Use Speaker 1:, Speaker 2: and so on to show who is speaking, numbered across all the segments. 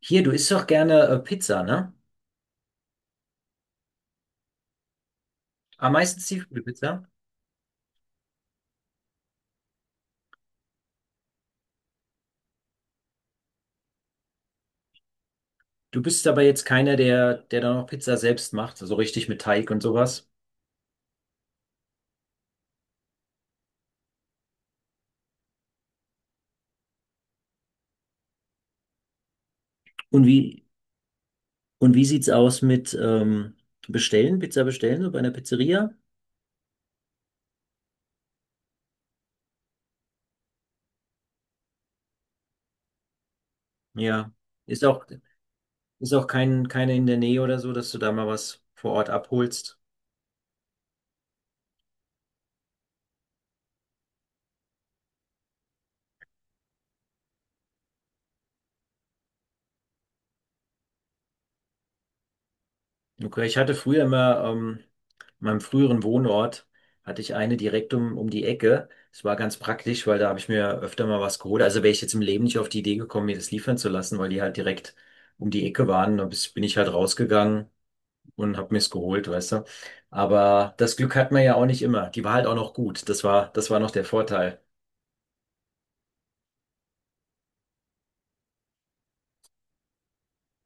Speaker 1: Hier, du isst doch gerne Pizza, ne? Am meisten Tiefkühlpizza. Du bist aber jetzt keiner, der dann auch Pizza selbst macht, so richtig mit Teig und sowas. Und wie, und wie sieht's aus mit Bestellen, Pizza bestellen, so bei einer Pizzeria? Ja. Ist auch, ist auch keine in der Nähe oder so, dass du da mal was vor Ort abholst. Okay, ich hatte früher immer, in meinem früheren Wohnort hatte ich eine direkt um die Ecke. Es war ganz praktisch, weil da habe ich mir öfter mal was geholt. Also wäre ich jetzt im Leben nicht auf die Idee gekommen, mir das liefern zu lassen, weil die halt direkt um die Ecke waren. Da bin ich halt rausgegangen und habe mir's geholt, weißt du. Aber das Glück hat man ja auch nicht immer. Die war halt auch noch gut. Das war noch der Vorteil.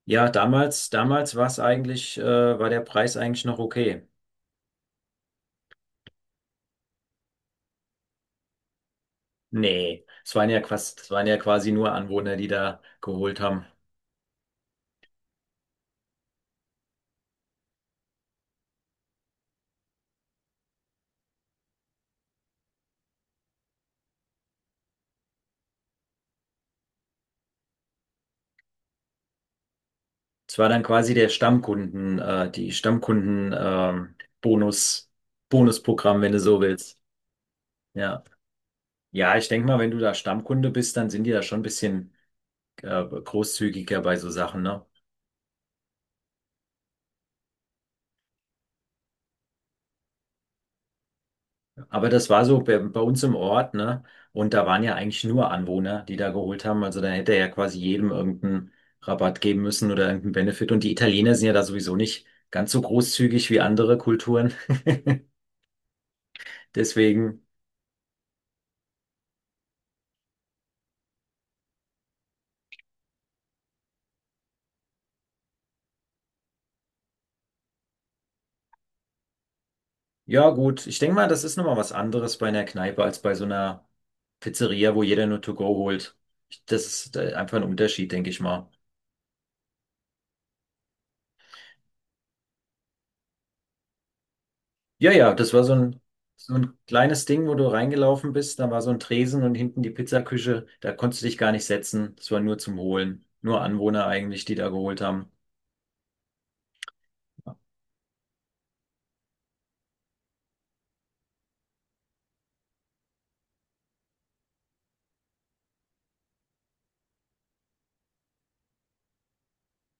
Speaker 1: Ja, damals war es eigentlich, war der Preis eigentlich noch okay. Nee, es waren ja quasi nur Anwohner, die da geholt haben. Es war dann quasi der die Stammkunden, Bonus, Bonusprogramm, wenn du so willst. Ja. Ja, ich denke mal, wenn du da Stammkunde bist, dann sind die da schon ein bisschen großzügiger bei so Sachen, ne? Aber das war so bei uns im Ort, ne? Und da waren ja eigentlich nur Anwohner, die da geholt haben. Also dann hätte er ja quasi jedem irgendeinen Rabatt geben müssen oder irgendeinen Benefit. Und die Italiener sind ja da sowieso nicht ganz so großzügig wie andere Kulturen. Deswegen. Ja, gut. Ich denke mal, das ist nochmal was anderes bei einer Kneipe als bei so einer Pizzeria, wo jeder nur to go holt. Das ist einfach ein Unterschied, denke ich mal. Ja, ja, das war so ein kleines Ding, wo du reingelaufen bist. Da war so ein Tresen und hinten die Pizzaküche. Da konntest du dich gar nicht setzen. Das war nur zum Holen. Nur Anwohner eigentlich, die da geholt haben.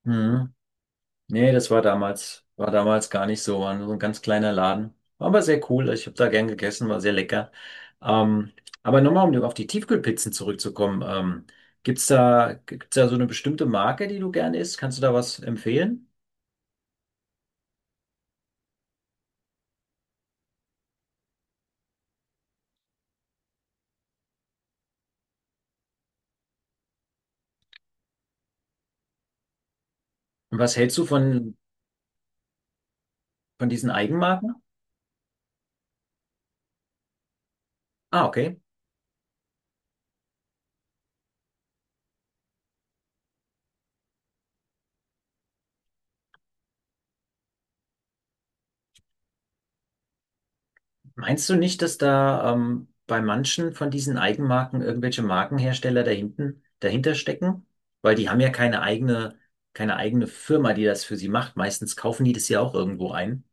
Speaker 1: Mhm. Nee, war damals gar nicht so, war nur so ein ganz kleiner Laden. War aber sehr cool, ich habe da gern gegessen, war sehr lecker. Ähm, aber nochmal, um auf die Tiefkühlpizzen zurückzukommen, gibt's da so eine bestimmte Marke, die du gern isst? Kannst du da was empfehlen? Und was hältst du von diesen Eigenmarken? Ah, okay. Meinst du nicht, dass da bei manchen von diesen Eigenmarken irgendwelche Markenhersteller dahinter stecken? Weil die haben ja keine eigene Firma, die das für sie macht. Meistens kaufen die das ja auch irgendwo ein.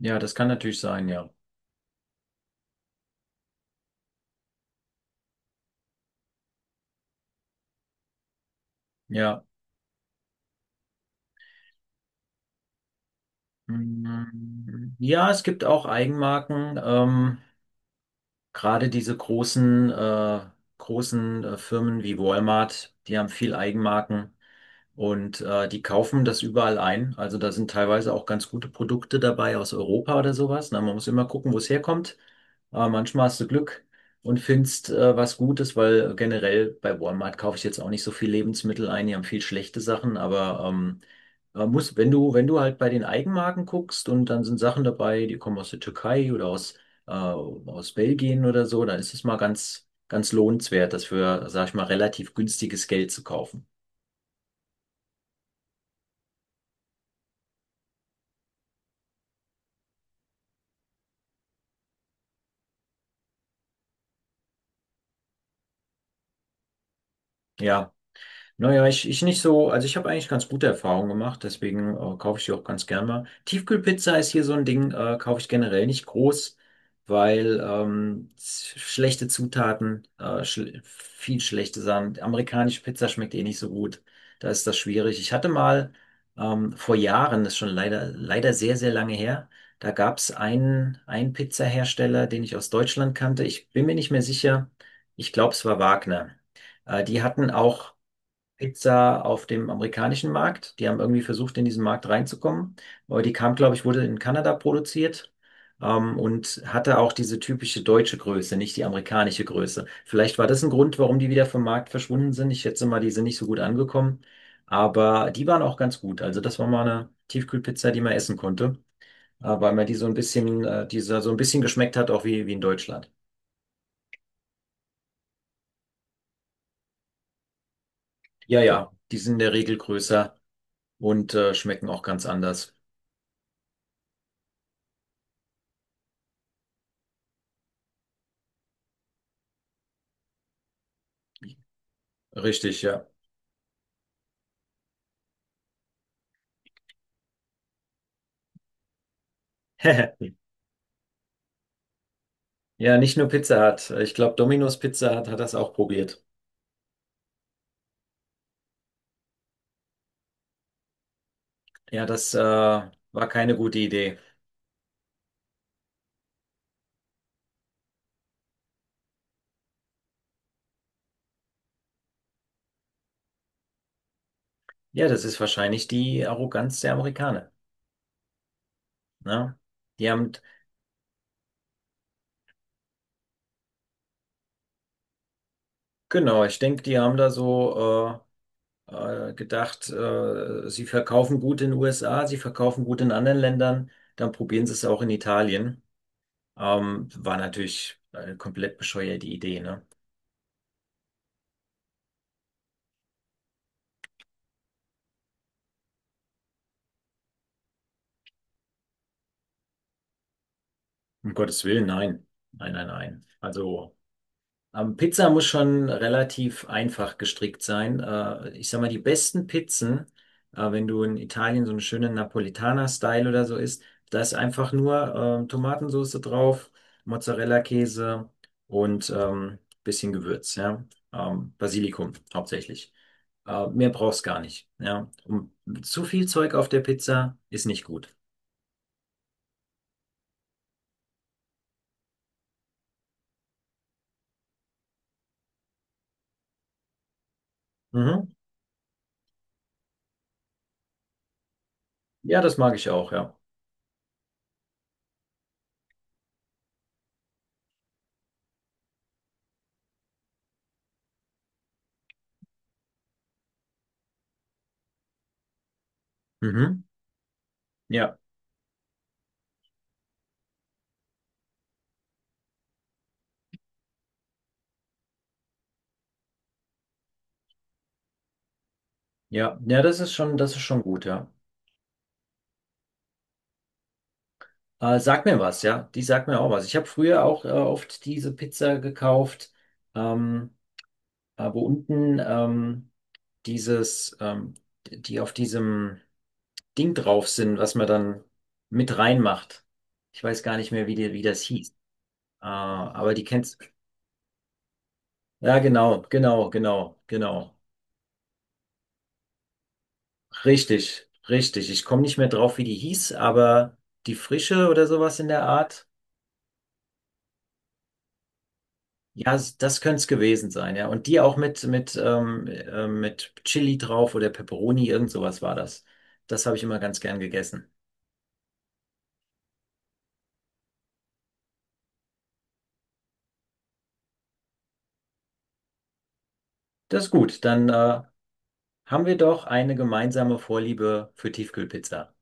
Speaker 1: Ja, das kann natürlich sein, ja. Ja. Mm, ja, es gibt auch Eigenmarken. Gerade diese großen Firmen wie Walmart, die haben viel Eigenmarken und die kaufen das überall ein. Also da sind teilweise auch ganz gute Produkte dabei aus Europa oder sowas. Na, man muss immer gucken, wo es herkommt. Aber manchmal hast du Glück und findest was Gutes, weil generell bei Walmart kaufe ich jetzt auch nicht so viel Lebensmittel ein. Die haben viel schlechte Sachen, aber man muss, wenn du halt bei den Eigenmarken guckst und dann sind Sachen dabei, die kommen aus der Türkei oder aus aus Belgien oder so, dann ist es mal ganz, ganz lohnenswert, das für, sag ich mal, relativ günstiges Geld zu kaufen. Ja. Naja, ich nicht so, also ich habe eigentlich ganz gute Erfahrungen gemacht, deswegen kaufe ich die auch ganz gern mal. Tiefkühlpizza ist hier so ein Ding, kaufe ich generell nicht groß, weil schlechte Zutaten, schl viel schlechte Sachen. Amerikanische Pizza schmeckt eh nicht so gut, da ist das schwierig. Ich hatte mal vor Jahren, das ist schon leider, leider sehr, sehr lange her, da gab es einen Pizzahersteller, den ich aus Deutschland kannte. Ich bin mir nicht mehr sicher, ich glaube, es war Wagner. Die hatten auch Pizza auf dem amerikanischen Markt. Die haben irgendwie versucht, in diesen Markt reinzukommen. Aber die kam, glaube ich, wurde in Kanada produziert. Und hatte auch diese typische deutsche Größe, nicht die amerikanische Größe. Vielleicht war das ein Grund, warum die wieder vom Markt verschwunden sind. Ich schätze mal, die sind nicht so gut angekommen. Aber die waren auch ganz gut. Also das war mal eine Tiefkühlpizza, die man essen konnte, weil man die so ein bisschen, dieser so so ein bisschen geschmeckt hat, auch wie in Deutschland. Ja, ja, die sind in der Regel größer und schmecken auch ganz anders. Richtig, ja. Ja, nicht nur Pizza Hut. Ich glaube, Domino's Pizza Hut hat das auch probiert. Ja, das war keine gute Idee. Ja, das ist wahrscheinlich die Arroganz der Amerikaner. Ne? Die haben, genau, ich denke, die haben da so gedacht, sie verkaufen gut in den USA, sie verkaufen gut in anderen Ländern, dann probieren sie es auch in Italien. War natürlich eine komplett bescheuerte Idee, ne? Um Gottes Willen, nein. Nein, nein, nein. Also. Pizza muss schon relativ einfach gestrickt sein. Ich sag mal, die besten Pizzen, wenn du in Italien so einen schönen Napolitaner-Style oder so isst, da ist einfach nur Tomatensauce drauf, Mozzarella-Käse und bisschen Gewürz, ja. Basilikum hauptsächlich. Mehr brauchst gar nicht, ja. Und zu viel Zeug auf der Pizza ist nicht gut. Mhm. Ja, das mag ich auch, ja. Mhm. Ja, ja, ja, das ist schon gut, ja. Sag mir was, ja. Die sagt mir auch was. Ich habe früher auch oft diese Pizza gekauft, ähm, wo unten dieses, ähm, die auf diesem Ding drauf sind, was man dann mit reinmacht. Ich weiß gar nicht mehr, wie das hieß. Aber die kennst. Ja, genau, genau, genau, genau. Richtig, richtig. Ich komme nicht mehr drauf, wie die hieß, aber die Frische oder sowas in der Art. Ja, das könnte es gewesen sein, ja. Und die auch mit Chili drauf oder Pepperoni, irgend sowas war das. Das habe ich immer ganz gern gegessen. Das ist gut, dann haben wir doch eine gemeinsame Vorliebe für Tiefkühlpizza.